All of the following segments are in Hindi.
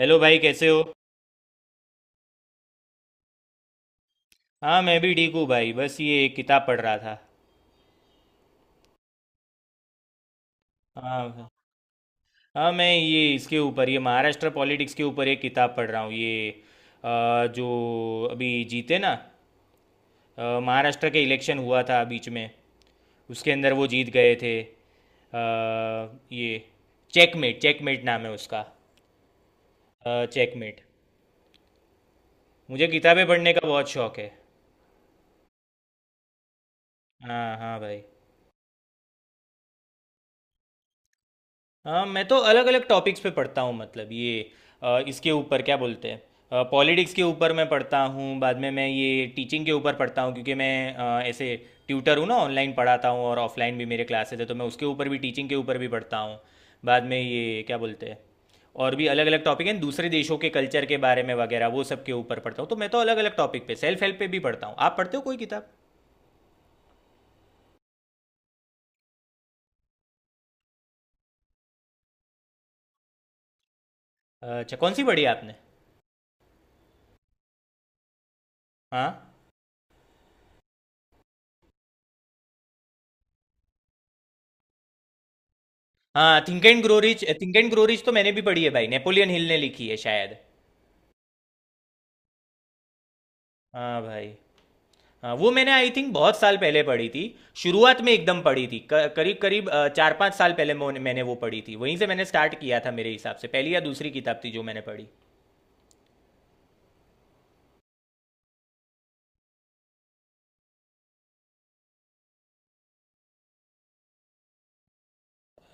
हेलो भाई, कैसे हो? हाँ, मैं भी ठीक हूँ भाई, बस ये एक किताब पढ़ रहा था। हाँ भाई। हाँ, मैं ये इसके ऊपर ये महाराष्ट्र पॉलिटिक्स के ऊपर एक किताब पढ़ रहा हूँ ये जो अभी जीते ना। महाराष्ट्र के इलेक्शन हुआ था बीच में, उसके अंदर वो जीत गए थे। ये चेकमेट, चेकमेट नाम है उसका, चेकमेट। मुझे किताबें पढ़ने का बहुत शौक है। हाँ हाँ भाई। हाँ, मैं तो अलग अलग टॉपिक्स पे पढ़ता हूँ, मतलब ये इसके ऊपर क्या बोलते हैं, पॉलिटिक्स के ऊपर मैं पढ़ता हूँ, बाद में मैं ये टीचिंग के ऊपर पढ़ता हूँ क्योंकि मैं ऐसे ट्यूटर हूँ ना, ऑनलाइन पढ़ाता हूँ और ऑफलाइन भी मेरे क्लासेस है, तो मैं उसके ऊपर भी टीचिंग के ऊपर भी पढ़ता हूँ। बाद में ये क्या बोलते हैं, और भी अलग अलग टॉपिक हैं, दूसरे देशों के कल्चर के बारे में वगैरह, वो सब के ऊपर पढ़ता हूँ। तो मैं तो अलग अलग टॉपिक पे सेल्फ हेल्प पे भी पढ़ता हूँ। आप पढ़ते हो कोई किताब? अच्छा, कौन सी पढ़ी आपने? हाँ। हाँ, think and grow rich, think and grow rich तो मैंने भी पढ़ी है भाई, नेपोलियन हिल ने लिखी है शायद। हाँ भाई। हाँ, वो मैंने आई थिंक बहुत साल पहले पढ़ी थी। शुरुआत में एकदम पढ़ी थी, करीब करीब चार पाँच साल पहले मैंने वो पढ़ी थी, वहीं से मैंने स्टार्ट किया था। मेरे हिसाब से पहली या दूसरी किताब थी जो मैंने पढ़ी।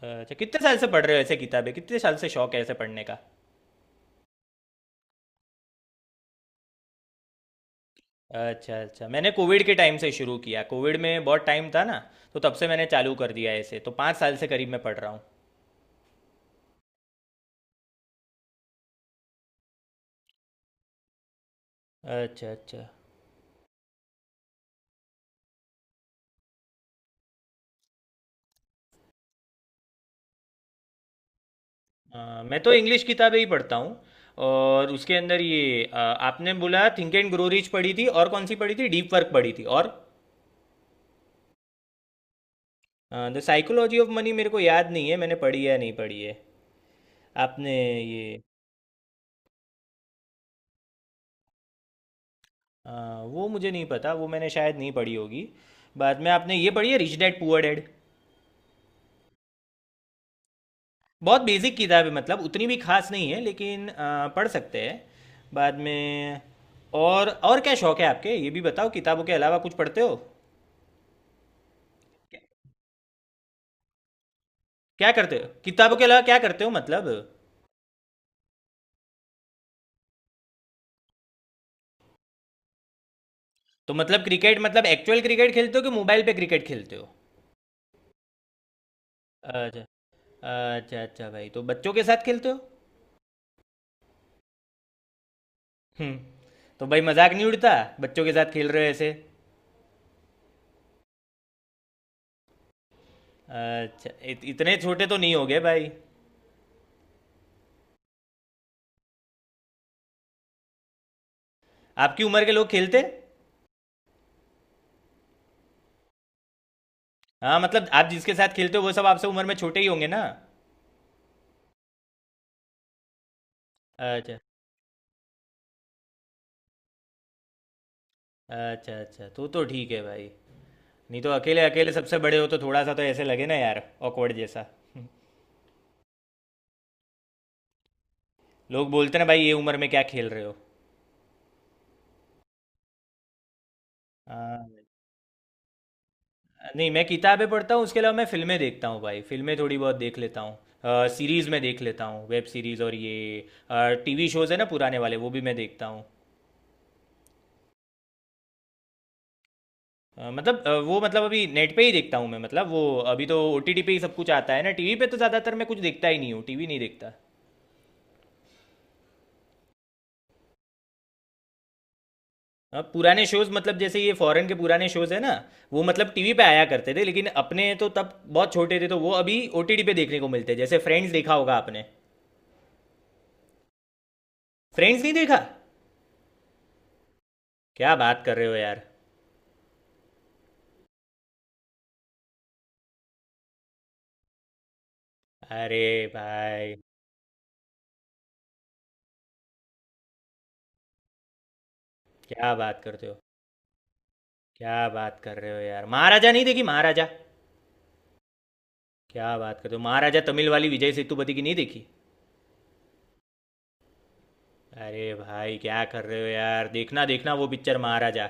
अच्छा, कितने साल से पढ़ रहे हो ऐसे किताबें? कितने साल से शौक है ऐसे पढ़ने का? अच्छा अच्छा, मैंने कोविड के टाइम से शुरू किया, कोविड में बहुत टाइम था ना, तो तब से मैंने चालू कर दिया। ऐसे तो पाँच साल से करीब मैं पढ़ रहा हूँ। अच्छा अच्छा। मैं तो इंग्लिश किताबें ही पढ़ता हूँ। और उसके अंदर ये आपने बोला थिंक एंड ग्रो रिच पढ़ी थी, और कौन सी पढ़ी थी, डीप वर्क पढ़ी थी, और द साइकोलॉजी ऑफ मनी मेरे को याद नहीं है मैंने पढ़ी है या नहीं पढ़ी है। आपने ये अ, वो मुझे नहीं पता, वो मैंने शायद नहीं पढ़ी होगी। बाद में आपने ये पढ़ी है रिच डैड पुअर डैड? बहुत बेसिक किताब है, मतलब उतनी भी खास नहीं है, लेकिन पढ़ सकते हैं। बाद में और क्या शौक है आपके, ये भी बताओ, किताबों के अलावा कुछ पढ़ते हो? क्या करते हो किताबों के अलावा, क्या करते हो मतलब? तो मतलब क्रिकेट, मतलब एक्चुअल क्रिकेट खेलते हो कि मोबाइल पे क्रिकेट खेलते हो? अच्छा। अच्छा अच्छा भाई, तो बच्चों के साथ खेलते हो? हम्म। तो भाई मजाक नहीं उड़ता, बच्चों के साथ खेल रहे हो ऐसे? अच्छा, इतने छोटे तो नहीं हो गए भाई। आपकी उम्र के लोग खेलते? हाँ, मतलब आप जिसके साथ खेलते हो वो सब आपसे उम्र में छोटे ही होंगे ना? अच्छा। अच्छा अच्छा, तो ठीक है भाई। नहीं तो अकेले अकेले सबसे बड़े हो तो थोड़ा सा तो ऐसे लगे ना यार, ऑकवर्ड जैसा। लोग बोलते ना भाई, ये उम्र में क्या खेल रहे हो। हाँ। नहीं, मैं किताबें पढ़ता हूँ, उसके अलावा मैं फिल्में देखता हूँ भाई। फिल्में थोड़ी बहुत देख लेता हूँ, सीरीज़ में देख लेता हूँ, वेब सीरीज़ और ये टीवी शोज़ है ना पुराने वाले, वो भी मैं देखता हूँ। मतलब वो मतलब अभी नेट पे ही देखता हूँ मैं, मतलब वो अभी तो ओटीटी पे ही सब कुछ आता है ना, टीवी पे तो ज़्यादातर मैं कुछ देखता ही नहीं हूँ, टीवी नहीं देखता। अब पुराने शोज़, मतलब जैसे ये फॉरेन के पुराने शोज़ है ना, वो मतलब टीवी पे आया करते थे लेकिन अपने तो तब बहुत छोटे थे, तो वो अभी ओटीटी पे देखने को मिलते हैं। जैसे फ्रेंड्स देखा होगा आपने। फ्रेंड्स नहीं देखा? क्या बात कर रहे हो यार। अरे भाई, क्या बात करते हो, क्या बात कर रहे हो यार। महाराजा नहीं देखी, महाराजा? क्या बात करते हो, महाराजा तमिल वाली विजय सेतुपति की नहीं देखी? अरे भाई, क्या कर रहे हो यार। देखना देखना वो पिक्चर, महाराजा।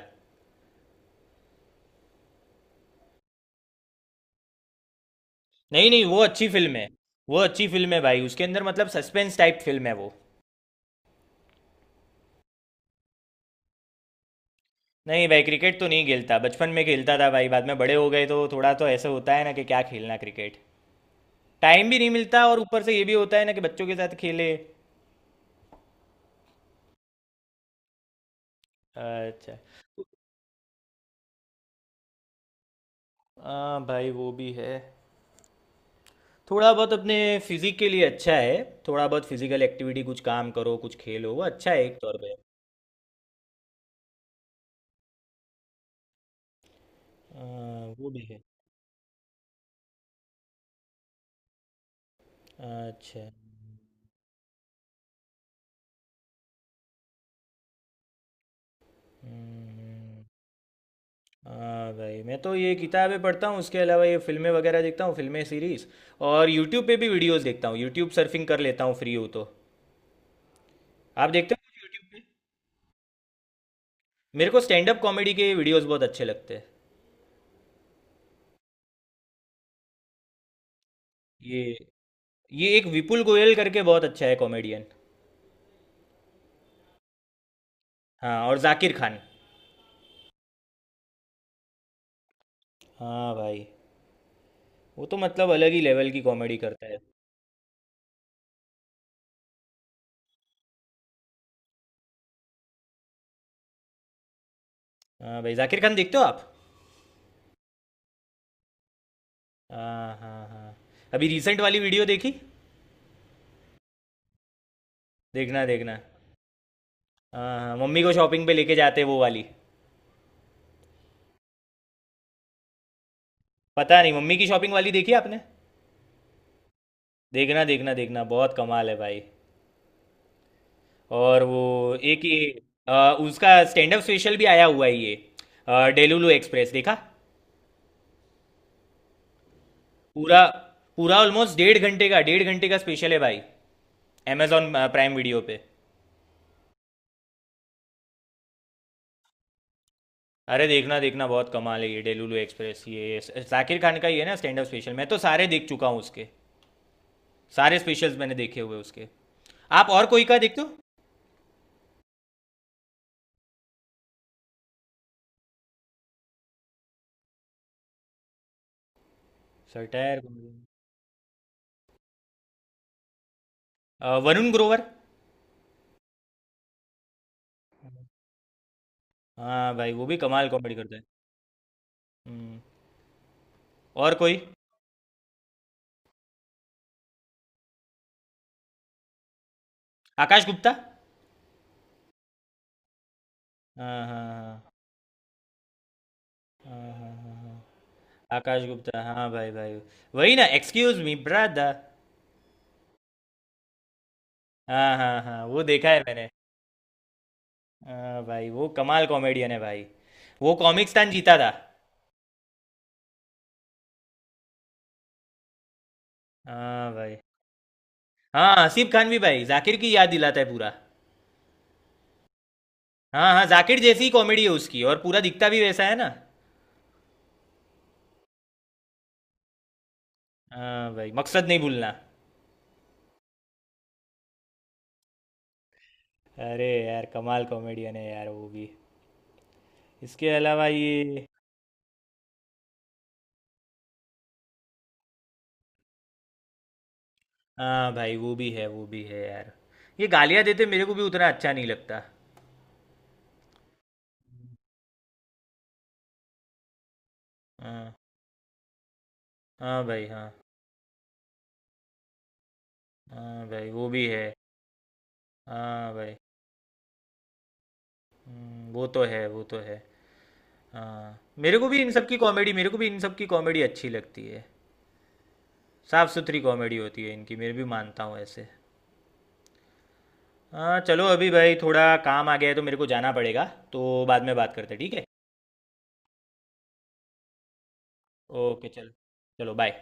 नहीं नहीं, वो अच्छी फिल्म है। वो अच्छी फिल्म है भाई, उसके अंदर मतलब सस्पेंस टाइप फिल्म है वो। नहीं भाई, क्रिकेट तो नहीं खेलता, बचपन में खेलता था भाई, बाद में बड़े हो गए तो थोड़ा तो ऐसा होता है ना कि क्या खेलना क्रिकेट। टाइम भी नहीं मिलता और ऊपर से ये भी होता है ना कि बच्चों के साथ खेले। अच्छा। हाँ भाई, वो भी है। थोड़ा बहुत अपने फिजिक के लिए अच्छा है। थोड़ा बहुत फिजिकल एक्टिविटी, कुछ काम करो, कुछ खेलो, वो अच्छा है एक तौर पे। हाँ, वो भी है। अच्छा। हम्म। हाँ भाई, मैं तो ये किताबें पढ़ता हूँ, उसके अलावा ये फिल्में वगैरह देखता हूँ, फिल्में सीरीज। और यूट्यूब पे भी वीडियोस देखता हूँ, यूट्यूब सर्फिंग कर लेता हूँ फ्री हो तो। आप देखते हो कुछ यूट्यूब पे? मेरे को स्टैंड अप कॉमेडी के वीडियोस बहुत अच्छे लगते हैं। ये ये एक विपुल गोयल करके बहुत अच्छा है कॉमेडियन। हाँ, और जाकिर खान। हाँ भाई। वो तो मतलब अलग ही लेवल की कॉमेडी करता है। हाँ भाई, जाकिर खान देखते हो आप? हाँ हाँ हाँ। अभी रिसेंट वाली वीडियो देखी? देखना देखना। हाँ हाँ, मम्मी को शॉपिंग पे लेके जाते हैं वो वाली। पता नहीं, मम्मी की शॉपिंग वाली देखी आपने? देखना देखना देखना, बहुत कमाल है भाई। और वो एक ये उसका स्टैंड अप स्पेशल भी आया हुआ है ये डेलुलु एक्सप्रेस देखा? पूरा, पूरा ऑलमोस्ट डेढ़ घंटे का, डेढ़ घंटे का स्पेशल है भाई, अमेजॉन प्राइम वीडियो पे। अरे देखना देखना, बहुत कमाल है ये डेलुलु एक्सप्रेस ये। जाकिर खान का ही है ना स्टैंड अप स्पेशल। मैं तो सारे देख चुका हूँ उसके, सारे स्पेशल्स मैंने देखे हुए उसके। आप और कोई का देखते हो? Satire comedy, Varun Grover. हाँ भाई, वो भी कमाल कॉमेडी करता है। हम्म, और कोई? आकाश गुप्ता। हाँ हाँ हाँ हाँ हाँ हाँ हाँ। आकाश गुप्ता, हाँ भाई भाई। वही ना, एक्सक्यूज मी ब्रदर। हाँ हाँ हाँ, वो देखा है मैंने। हाँ भाई, वो कमाल कॉमेडियन है भाई। वो कॉमिक स्टैन जीता था। हाँ भाई। हाँ, आसिफ खान भी भाई जाकिर की याद दिलाता है पूरा। हाँ हाँ, जाकिर जैसी ही कॉमेडी है उसकी और पूरा दिखता भी वैसा है ना। हाँ भाई, मकसद नहीं भूलना। अरे यार, कमाल कॉमेडियन है यार वो भी। इसके अलावा ये। हाँ भाई, वो भी है, वो भी है यार। ये गालियाँ देते मेरे को भी उतना अच्छा नहीं लगता। हाँ। हाँ भाई। हाँ हाँ भाई, वो भी है। हाँ भाई। वो तो है, वो तो है। हाँ। मेरे को भी इन सब की कॉमेडी अच्छी लगती है। साफ सुथरी कॉमेडी होती है इनकी, मैं भी मानता हूँ ऐसे। हाँ चलो, अभी भाई थोड़ा काम आ गया है तो मेरे को जाना पड़ेगा। तो बाद में बात करते हैं, ठीक है। ओके चल, चलो बाय।